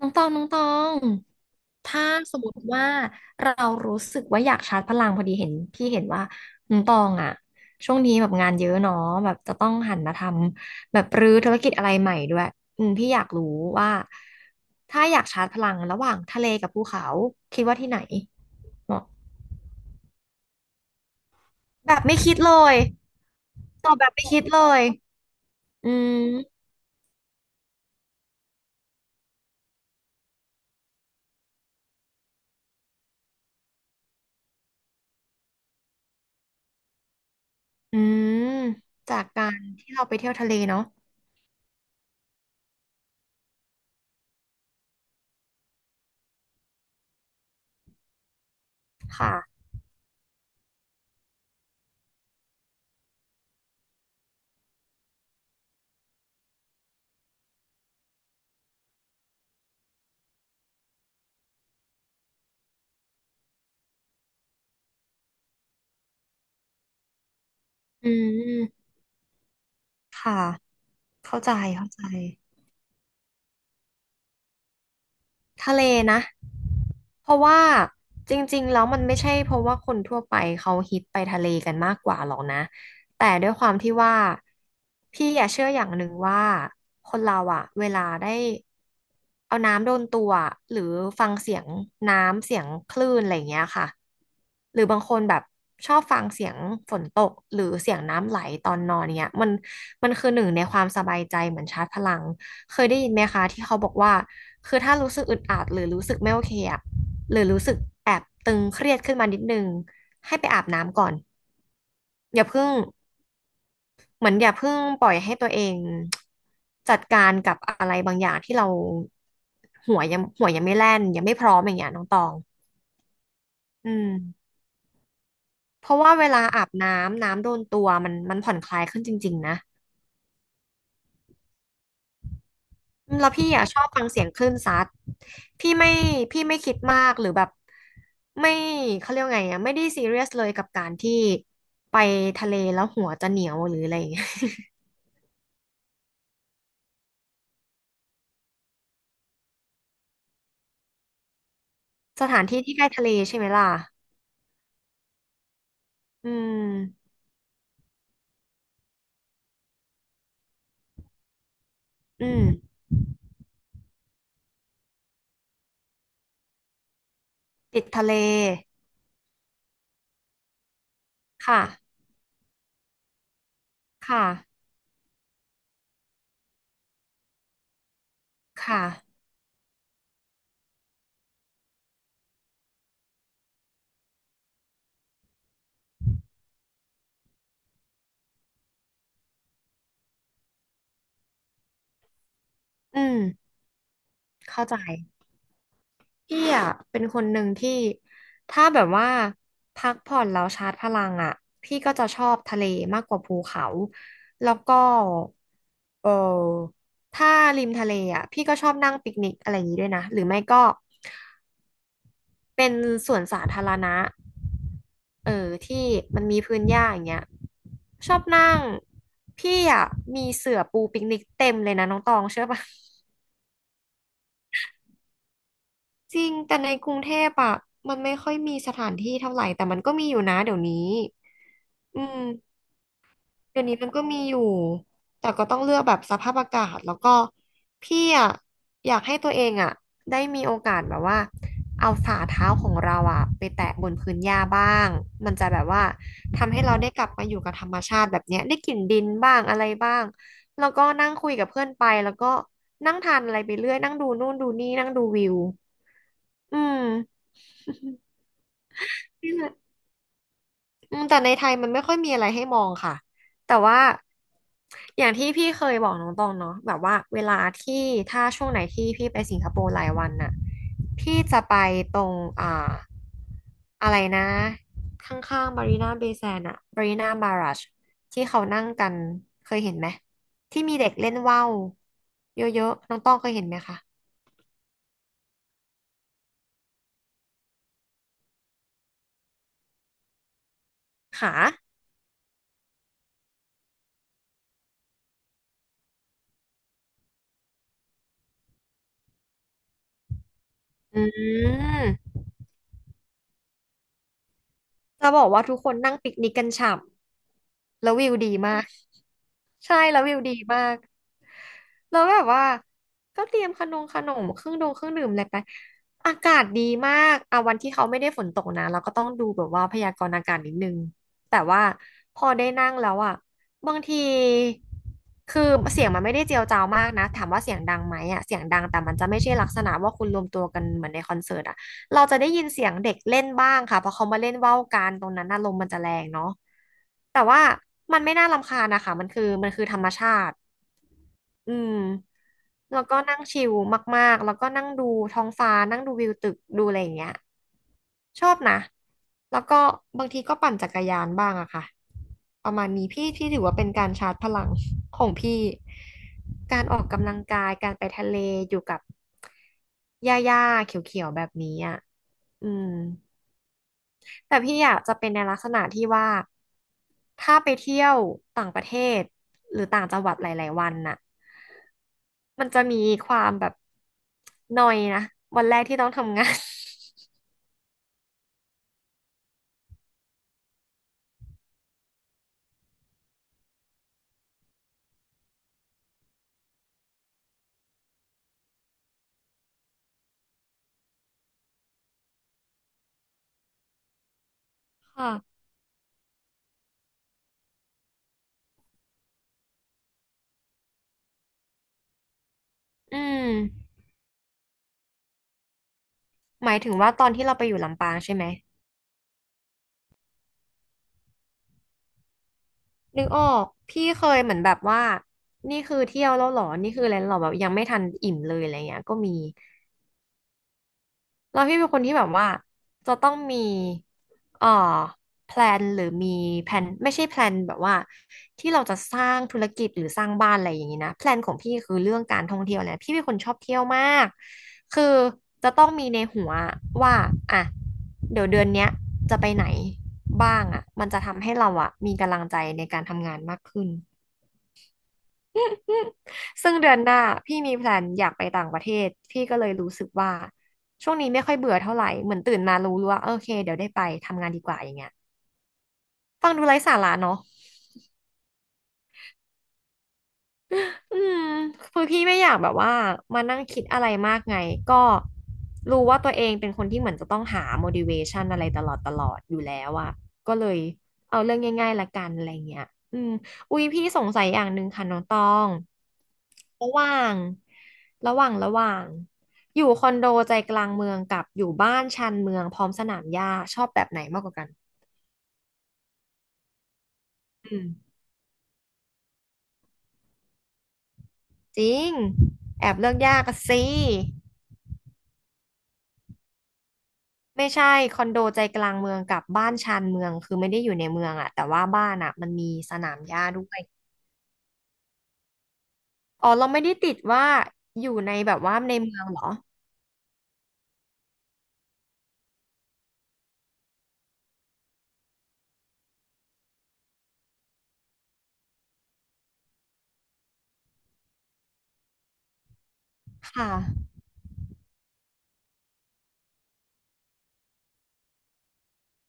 น้องตองน้องตองถ้าสมมติว่าเรารู้สึกว่าอยากชาร์จพลังพอดีเห็นพี่เห็นว่าน้องตองอะช่วงนี้แบบงานเยอะเนาะแบบจะต้องหันมาทำแบบรื้อธุรกิจอะไรใหม่ด้วยอืมพี่อยากรู้ว่าถ้าอยากชาร์จพลังระหว่างทะเลกับภูเขาคิดว่าที่ไหนเหมาะแบบไม่คิดเลยตอบแบบไม่คิดเลยอืมอืมจากการที่เราไปเที่ยวทะเลเนาะค่ะอืมค่ะเข้าใจเข้าใจ ทะเลนะเพราะว่าจริงๆแล้วมันไม่ใช่เพราะว่าคนทั่วไปเขาฮิตไปทะเลกันมากกว่าหรอกนะแต่ด้วยความที่ว่าพี่อย่าเชื่ออย่างหนึ่งว่าคนเราอะเวลาได้เอาน้ำโดนตัวอะหรือฟังเสียงน้ำเสียงคลื่นอะไรอย่างเงี้ยค่ะหรือบางคนแบบชอบฟังเสียงฝนตกหรือเสียงน้ำไหลตอนนอนเนี้ยมันคือหนึ่งในความสบายใจเหมือนชาร์จพลัง เคยได้ยินไหมคะที่เขาบอกว่าคือถ้ารู้สึกอึดอัดหรือรู้สึกไม่โอเคอะหรือรู้สึกแอบตึงเครียดขึ้นมานิดนึงให้ไปอาบน้ำก่อนอย่าเพิ่งเหมือนอย่าเพิ่งปล่อยให้ตัวเองจัดการกับอะไรบางอย่างที่เราหัวยังไม่แล่นยังไม่พร้อมอย่างเงี้ยน้องตองอืมเพราะว่าเวลาอาบน้ำน้ำโดนตัวมันผ่อนคลายขึ้นจริงๆนะ อืมแล้วพี่อ่ะชอบฟังเสียงคลื่นซัดพี่ไม่พี่ไม่คิดมากหรือแบบไม่เขาเรียกว่าไงอ่ะไม่ได้ซีเรียสเลยกับการที่ไปทะเลแล้วหัวจะเหนียวหรืออะไรอย่างเงี้ย สถานที่ที่ใกล้ทะเลใช่ไหมล่ะอืมอืมติดทะเลค่ะค่ะค่ะอืมเข้าใจ พี่อ่ะเป็นคนหนึ่งที่ถ้าแบบว่าพักผ่อนแล้วชาร์จพลังอ่ะพี่ก็จะชอบทะเลมากกว่าภูเขาแล้วก็เออถ้าริมทะเลอ่ะพี่ก็ชอบนั่งปิกนิกอะไรอย่างนี้ด้วยนะหรือไม่ก็เป็นสวนสาธารณะเออที่มันมีพื้นหญ้าอย่างเงี้ยชอบนั่งพี่อ่ะมีเสื่อปูปิกนิกเต็มเลยนะน้องตองเชื่อปะ จริงแต่ในกรุงเทพอะมันไม่ค่อยมีสถานที่เท่าไหร่แต่มันก็มีอยู่นะเดี๋ยวนี้อืมเดี๋ยวนี้มันก็มีอยู่แต่ก็ต้องเลือกแบบสภาพอากาศแล้วก็พี่อะอยากให้ตัวเองอะได้มีโอกาสแบบว่าเอาฝ่าเท้าของเราอะไปแตะบนพื้นหญ้าบ้างมันจะแบบว่าทำให้เราได้กลับมาอยู่กับธรรมชาติแบบเนี้ยได้กลิ่นดินบ้างอะไรบ้างแล้วก็นั่งคุยกับเพื่อนไปแล้วก็นั่งทานอะไรไปเรื่อยนั่งดูนู่นดูนี่นั่งดูวิวอืม นี่แหละอืมแต่ในไทยมันไม่ค่อยมีอะไรให้มองค่ะแต่ว่าอย่างที่พี่เคยบอกน้องตองเนาะแบบว่าเวลาที่ถ้าช่วงไหนที่พี่ไปสิงคโปร์หลายวันน่ะพี่จะไปตรงอ่าอะไรนะข้างๆบารีนาเบย์แซนด์อะบารีนาบารัชที่เขานั่งกันเคยเห็นไหมที่มีเด็กเล่นว่าวเยอะๆน้องต้องเคยเห็นไหมคะค่ะอืมจะบอกว่าทุกคนนั่งปิกนิกกันฉ่ำแล้ววิวดีมาก ใช่แล้ววิวดีมากแล้วแบบว่าก็เตรียมขนมขนมเครื่องดื่มอะไรไปอากาศดีมากอ่ะวันที่เขาไม่ได้ฝนตกนะเราก็ต้องดูแบบว่าพยากรณ์อากาศนิดนึงแต่ว่าพอได้นั่งแล้วอ่ะบางทีคือเสียงมันไม่ได้เจียวจ้าวมากนะถามว่าเสียงดังไหมอ่ะเสียงดังแต่มันจะไม่ใช่ลักษณะว่าคุณรวมตัวกันเหมือนในคอนเสิร์ตอ่ะ เราจะได้ยินเสียงเด็กเล่นบ้างค่ะเพราะเขามาเล่นว่าวกันตรงนั้นน่ะลมมันจะแรงเนาะแต่ว่ามันไม่น่ารำคาญนะคะมันคือธรรมชาติอืมแล้วก็นั่งชิลมากๆแล้วก็นั่งดูท้องฟ้านั่งดูวิวตึกดูอะไรอย่างเงี้ยชอบนะแล้วก็บางทีก็ปั่นจักรยานบ้างอะค่ะ ประมาณนี้พี่ถือว่าเป็นการชาร์จพลังของพี่การออกกำลังกายการไปทะเลอยู่กับหญ้าๆเขียวๆแบบนี้อ่ะอืมแต่พี่อยากจะเป็นในลักษณะที่ว่าถ้าไปเที่ยวต่างประเทศหรือต่างจังหวัดหลายๆวันน่ะมันจะมีความแบบนอยนะวันแรกที่ต้องทำงาน ค่ะอืมหมายถึงว่าตอนที่เราไปอยู่ลำปางใช่ไหม นึกออกพี่เคยเหมือนแบบว่านี่คือเที่ยวแล้วเหรอนี่คืออะไรแล้วเหรอแบบยังไม่ทันอิ่มเลยอะไรเงี้ยก็มีแล้วพี่เป็นคนที่แบบว่าจะต้องมีเอ่อแพลนหรือมีแผนไม่ใช่แพลนแบบว่าที่เราจะสร้างธุรกิจหรือสร้างบ้านอะไรอย่างนี้นะแพลนของพี่คือเรื่องการท่องเที่ยวแหละพี่เป็นคนชอบเที่ยวมากคือจะต้องมีในหัวว่าอ่ะเดี๋ยวเดือนเนี้ยจะไปไหนบ้างอ่ะมันจะทำให้เราอ่ะมีกำลังใจในการทำงานมากขึ้น ซึ่งเดือนหน้าพี่มีแพลนอยากไปต่างประเทศพี่ก็เลยรู้สึกว่าช่วงนี้ไม่ค่อยเบื่อเท่าไหร่เหมือนตื่นมารู้ว่าโอเคเดี๋ยวได้ไปทำงานดีกว่าอย่างเงี้ยฟังดูไร้สาระเนาะ อืมคือพี่ไม่อยากแบบว่ามานั่งคิดอะไรมากไงก็รู้ว่าตัวเองเป็นคนที่เหมือนจะต้องหา motivation อะไรตลอดอยู่แล้วอะก็เลยเอาเรื่องง่ายๆละกันอะไรเงี้ยอืมอุ๊ยพี่สงสัยอย่างหนึ่งค่ะน้องตองระหว่างระหว่างระหว่างอยู่คอนโดใจกลางเมืองกับอยู่บ้านชานเมืองพร้อมสนามหญ้าชอบแบบไหนมากกว่ากันอืมจริงแอบเลือกยากอะสิ ไม่ใช่คอนโดใจกลางเมืองกับบ้านชานเมืองคือไม่ได้อยู่ในเมืองอะแต่ว่าบ้านอะมันมีสนามหญ้าด้วยอ๋อเราไม่ได้ติดว่าอยู่ในแบบว่าในเมืองเหรอค่ะ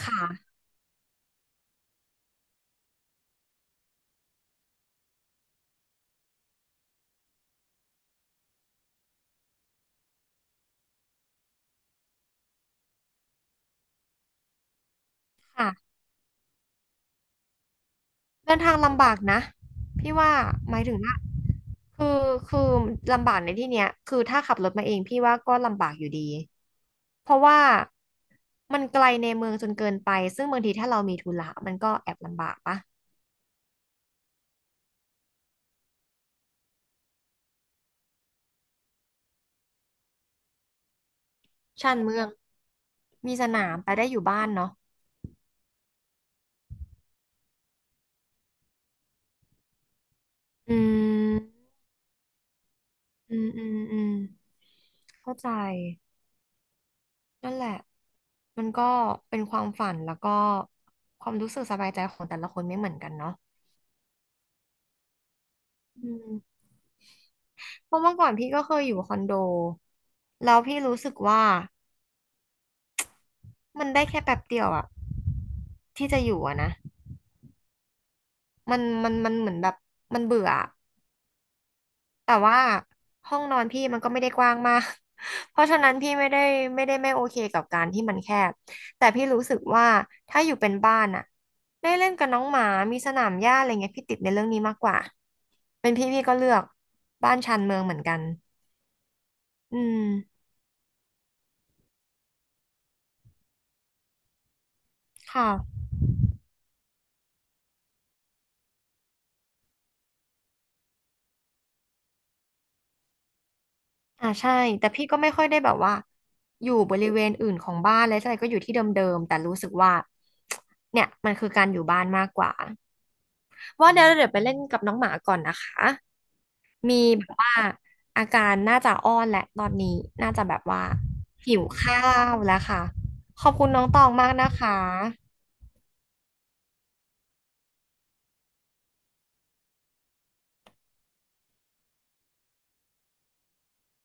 ค่ะค่ะเดินทางลำบากนะพี่ว่าหมายถึงว่าคือคือลำบากในที่เนี้ยคือถ้าขับรถมาเองพี่ว่าก็ลำบากอยู่ดีเพราะว่ามันไกลในเมืองจนเกินไปซึ่งบางทีถ้าเรามีธุระมันก็แอบลำบากปะชานเมืองมีสนามไปได้อยู่บ้านเนาะ อืมอืมเข้าใจนั่นแหละมันก็เป็นความฝันแล้วก็ความรู้สึกสบายใจของแต่ละคนไม่เหมือนกันเนาะอืมเพราะเมื่อก่อนพี่ก็เคยอยู่คอนโดแล้วพี่รู้สึกว่ามันได้แค่แป๊บเดียวอะที่จะอยู่อะนะมันเหมือนแบบมันเบื่อ แต่ว่าห้องนอนพี่มันก็ไม่ได้กว้างมาก เพราะฉะนั้นพี่ไม่โอเคกับการที่มันแคบแต่พี่รู้สึกว่าถ้าอยู่เป็นบ้านอะได้เล่นกับน้องหมามีสนามหญ้าอะไรเงี้ยพี่ติดในเรื่องนี้มากกว่าเป็นพี่ก็เลือกบ้านชานเมืองเหมือนกันอืมค่ะอ่าใช่แต่พี่ก็ไม่ค่อยได้แบบว่าอยู่บริเวณอื่นของบ้านเลยให่ก็อยู่ที่เดิมๆแต่รู้สึกว่าเนี่ยมันคือการอยู่บ้านมากกว่าว่าเดี๋ยวไปเล่นกับน้องหมาก่อนนะคะ มีแบบว่าอาการน่าจะอ้อนแหละตอนนี้น่าจะแบบว่าหิวข้าวแล้วค่ะขอบคุณน้องตองมากนะคะ